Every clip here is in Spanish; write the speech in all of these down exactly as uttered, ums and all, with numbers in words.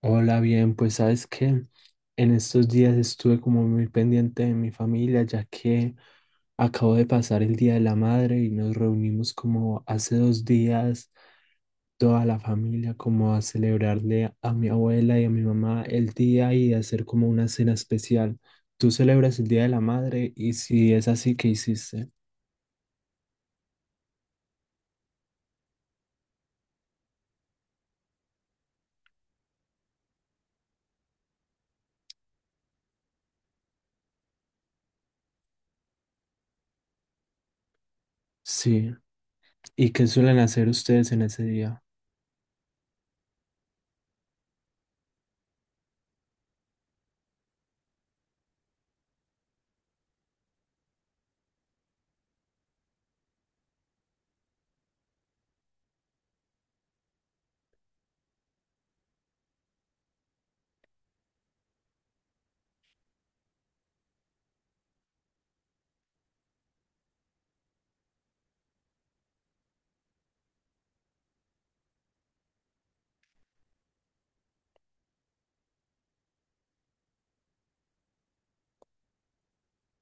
Hola, bien, pues sabes que en estos días estuve como muy pendiente de mi familia, ya que acabo de pasar el Día de la Madre y nos reunimos como hace dos días toda la familia como a celebrarle a mi abuela y a mi mamá el día y hacer como una cena especial. ¿Tú celebras el Día de la Madre? Y si es así, ¿qué hiciste? Sí. ¿Y qué suelen hacer ustedes en ese día?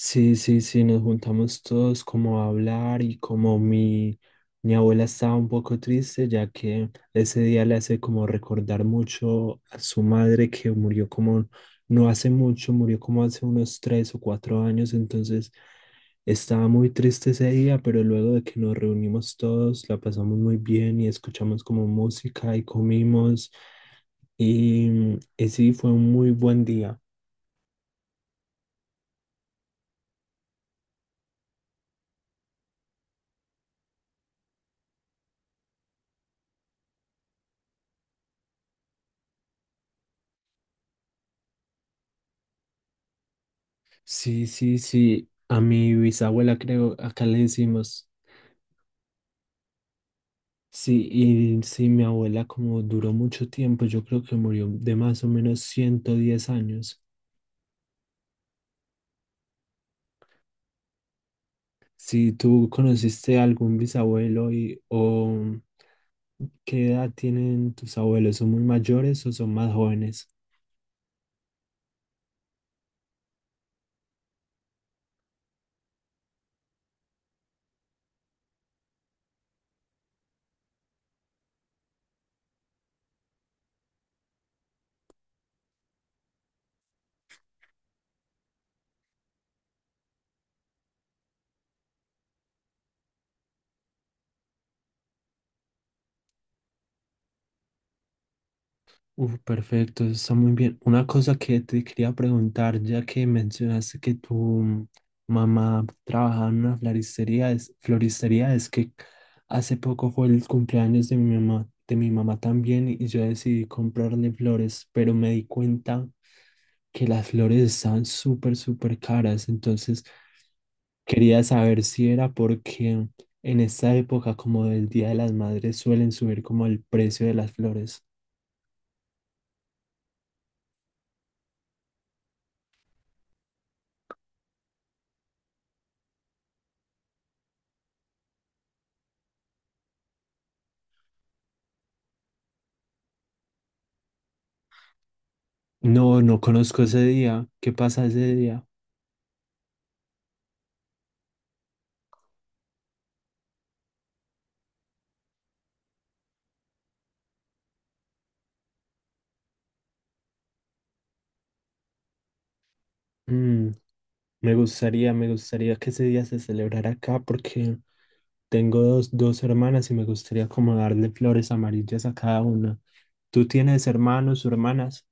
Sí, sí, sí, nos juntamos todos como a hablar y como mi, mi abuela estaba un poco triste, ya que ese día le hace como recordar mucho a su madre que murió como no hace mucho, murió como hace unos tres o cuatro años, entonces estaba muy triste ese día, pero luego de que nos reunimos todos, la pasamos muy bien y escuchamos como música y comimos y, y sí, fue un muy buen día. Sí, sí, sí. A mi bisabuela creo, acá le decimos, sí, y sí, mi abuela como duró mucho tiempo, yo creo que murió de más o menos ciento diez años. Si tú conociste a algún bisabuelo y, o qué edad tienen tus abuelos, ¿son muy mayores o son más jóvenes? Uf, perfecto, está muy bien. Una cosa que te quería preguntar, ya que mencionaste que tu mamá trabajaba en una floristería, es, floristería, es que hace poco fue el cumpleaños de mi mamá, de mi mamá también, y yo decidí comprarle flores, pero me di cuenta que las flores están súper, súper caras, entonces quería saber si era porque en esta época, como del Día de las Madres, suelen subir como el precio de las flores. No, no conozco ese día. ¿Qué pasa ese día? Mm, me gustaría, me gustaría que ese día se celebrara acá porque tengo dos, dos hermanas y me gustaría como darle flores amarillas a cada una. ¿Tú tienes hermanos o hermanas?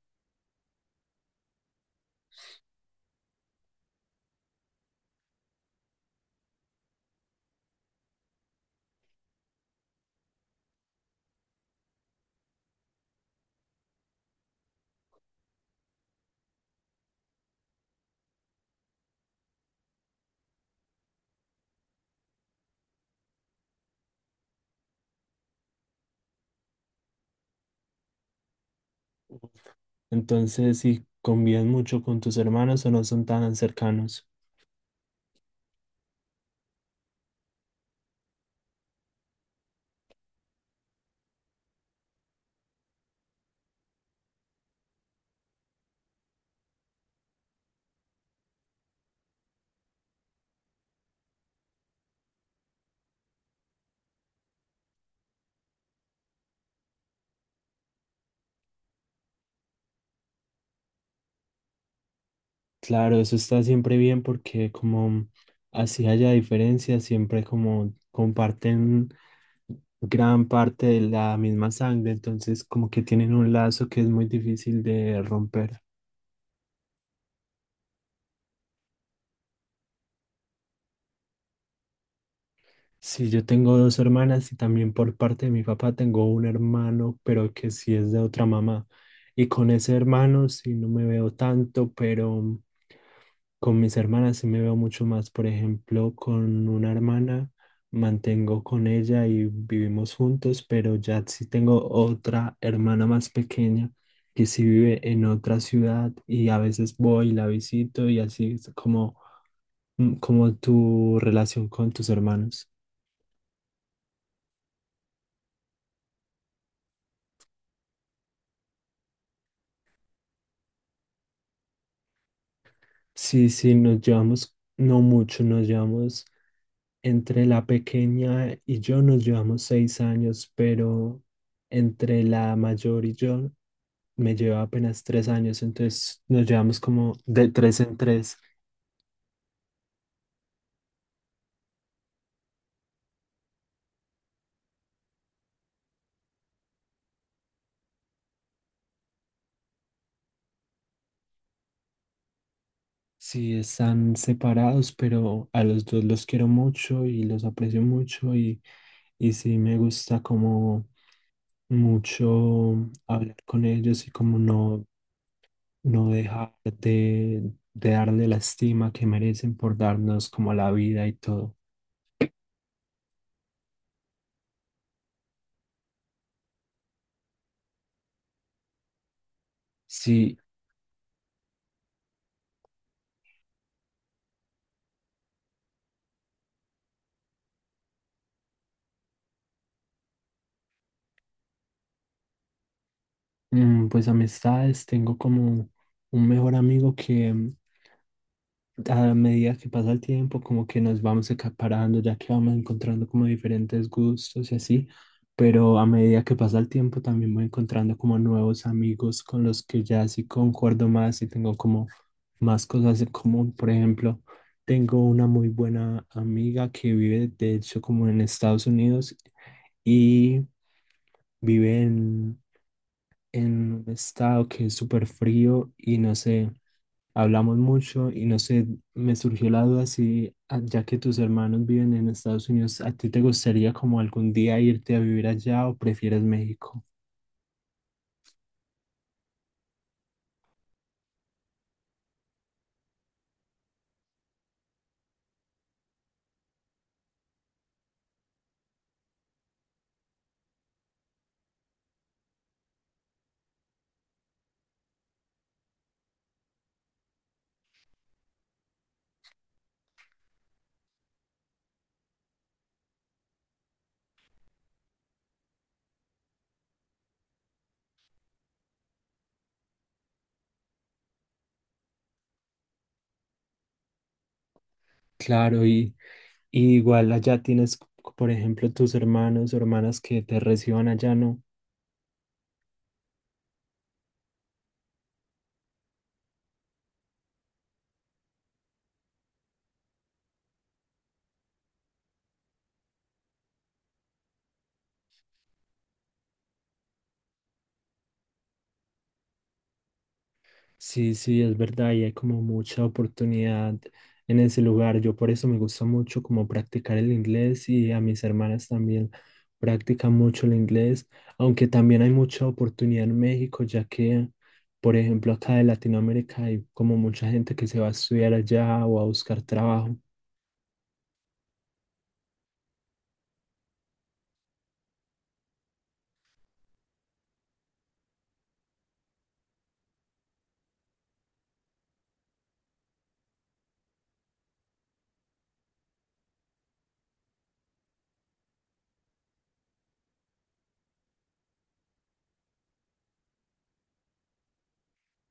Entonces, si convives mucho con tus hermanos o no son tan cercanos. Claro, eso está siempre bien porque como así haya diferencias, siempre como comparten gran parte de la misma sangre, entonces como que tienen un lazo que es muy difícil de romper. Sí, yo tengo dos hermanas y también por parte de mi papá tengo un hermano, pero que sí es de otra mamá. Y con ese hermano sí no me veo tanto, pero con mis hermanas sí me veo mucho más. Por ejemplo, con una hermana mantengo con ella y vivimos juntos, pero ya sí tengo otra hermana más pequeña que sí vive en otra ciudad y a veces voy y la visito y así es como, mm, como tu relación con tus hermanos. Sí, sí, nos llevamos, no mucho, nos llevamos, entre la pequeña y yo nos llevamos seis años, pero entre la mayor y yo me lleva apenas tres años, entonces nos llevamos como de tres en tres. Sí, están separados, pero a los dos los quiero mucho y los aprecio mucho y, y sí me gusta como mucho hablar con ellos y como no no dejar de, de darle la estima que merecen por darnos como la vida y todo. Sí, mm, pues amistades, tengo como un mejor amigo que, a medida que pasa el tiempo, como que nos vamos acaparando, ya que vamos encontrando como diferentes gustos y así, pero a medida que pasa el tiempo también voy encontrando como nuevos amigos con los que ya sí concuerdo más y tengo como más cosas en común. Por ejemplo, tengo una muy buena amiga que vive de hecho como en Estados Unidos y vive en, en un estado que es súper frío y no sé hablamos mucho y no sé, me surgió la duda si, ah, ya que tus hermanos viven en Estados Unidos, ¿a ti te gustaría como algún día irte a vivir allá o prefieres México? Claro, y, y igual allá tienes, por ejemplo, tus hermanos o hermanas que te reciban allá, ¿no? Sí, sí, es verdad, y hay como mucha oportunidad en ese lugar. Yo por eso me gusta mucho como practicar el inglés y a mis hermanas también practican mucho el inglés, aunque también hay mucha oportunidad en México, ya que, por ejemplo, acá de Latinoamérica hay como mucha gente que se va a estudiar allá o a buscar trabajo.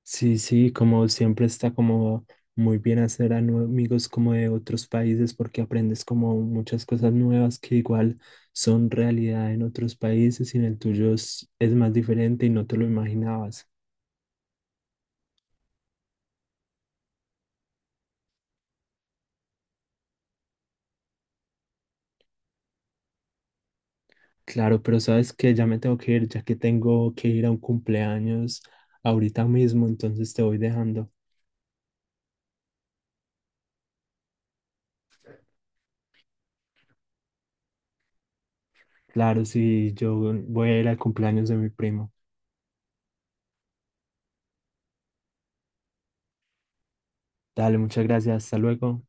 Sí, sí, como siempre está como muy bien hacer a nue- amigos como de otros países porque aprendes como muchas cosas nuevas que igual son realidad en otros países y en el tuyo es, es más diferente y no te lo imaginabas. Claro, pero sabes que ya me tengo que ir, ya que tengo que ir a un cumpleaños ahorita mismo, entonces te voy dejando. Claro, sí, yo voy a ir al cumpleaños de mi primo. Dale, muchas gracias, hasta luego.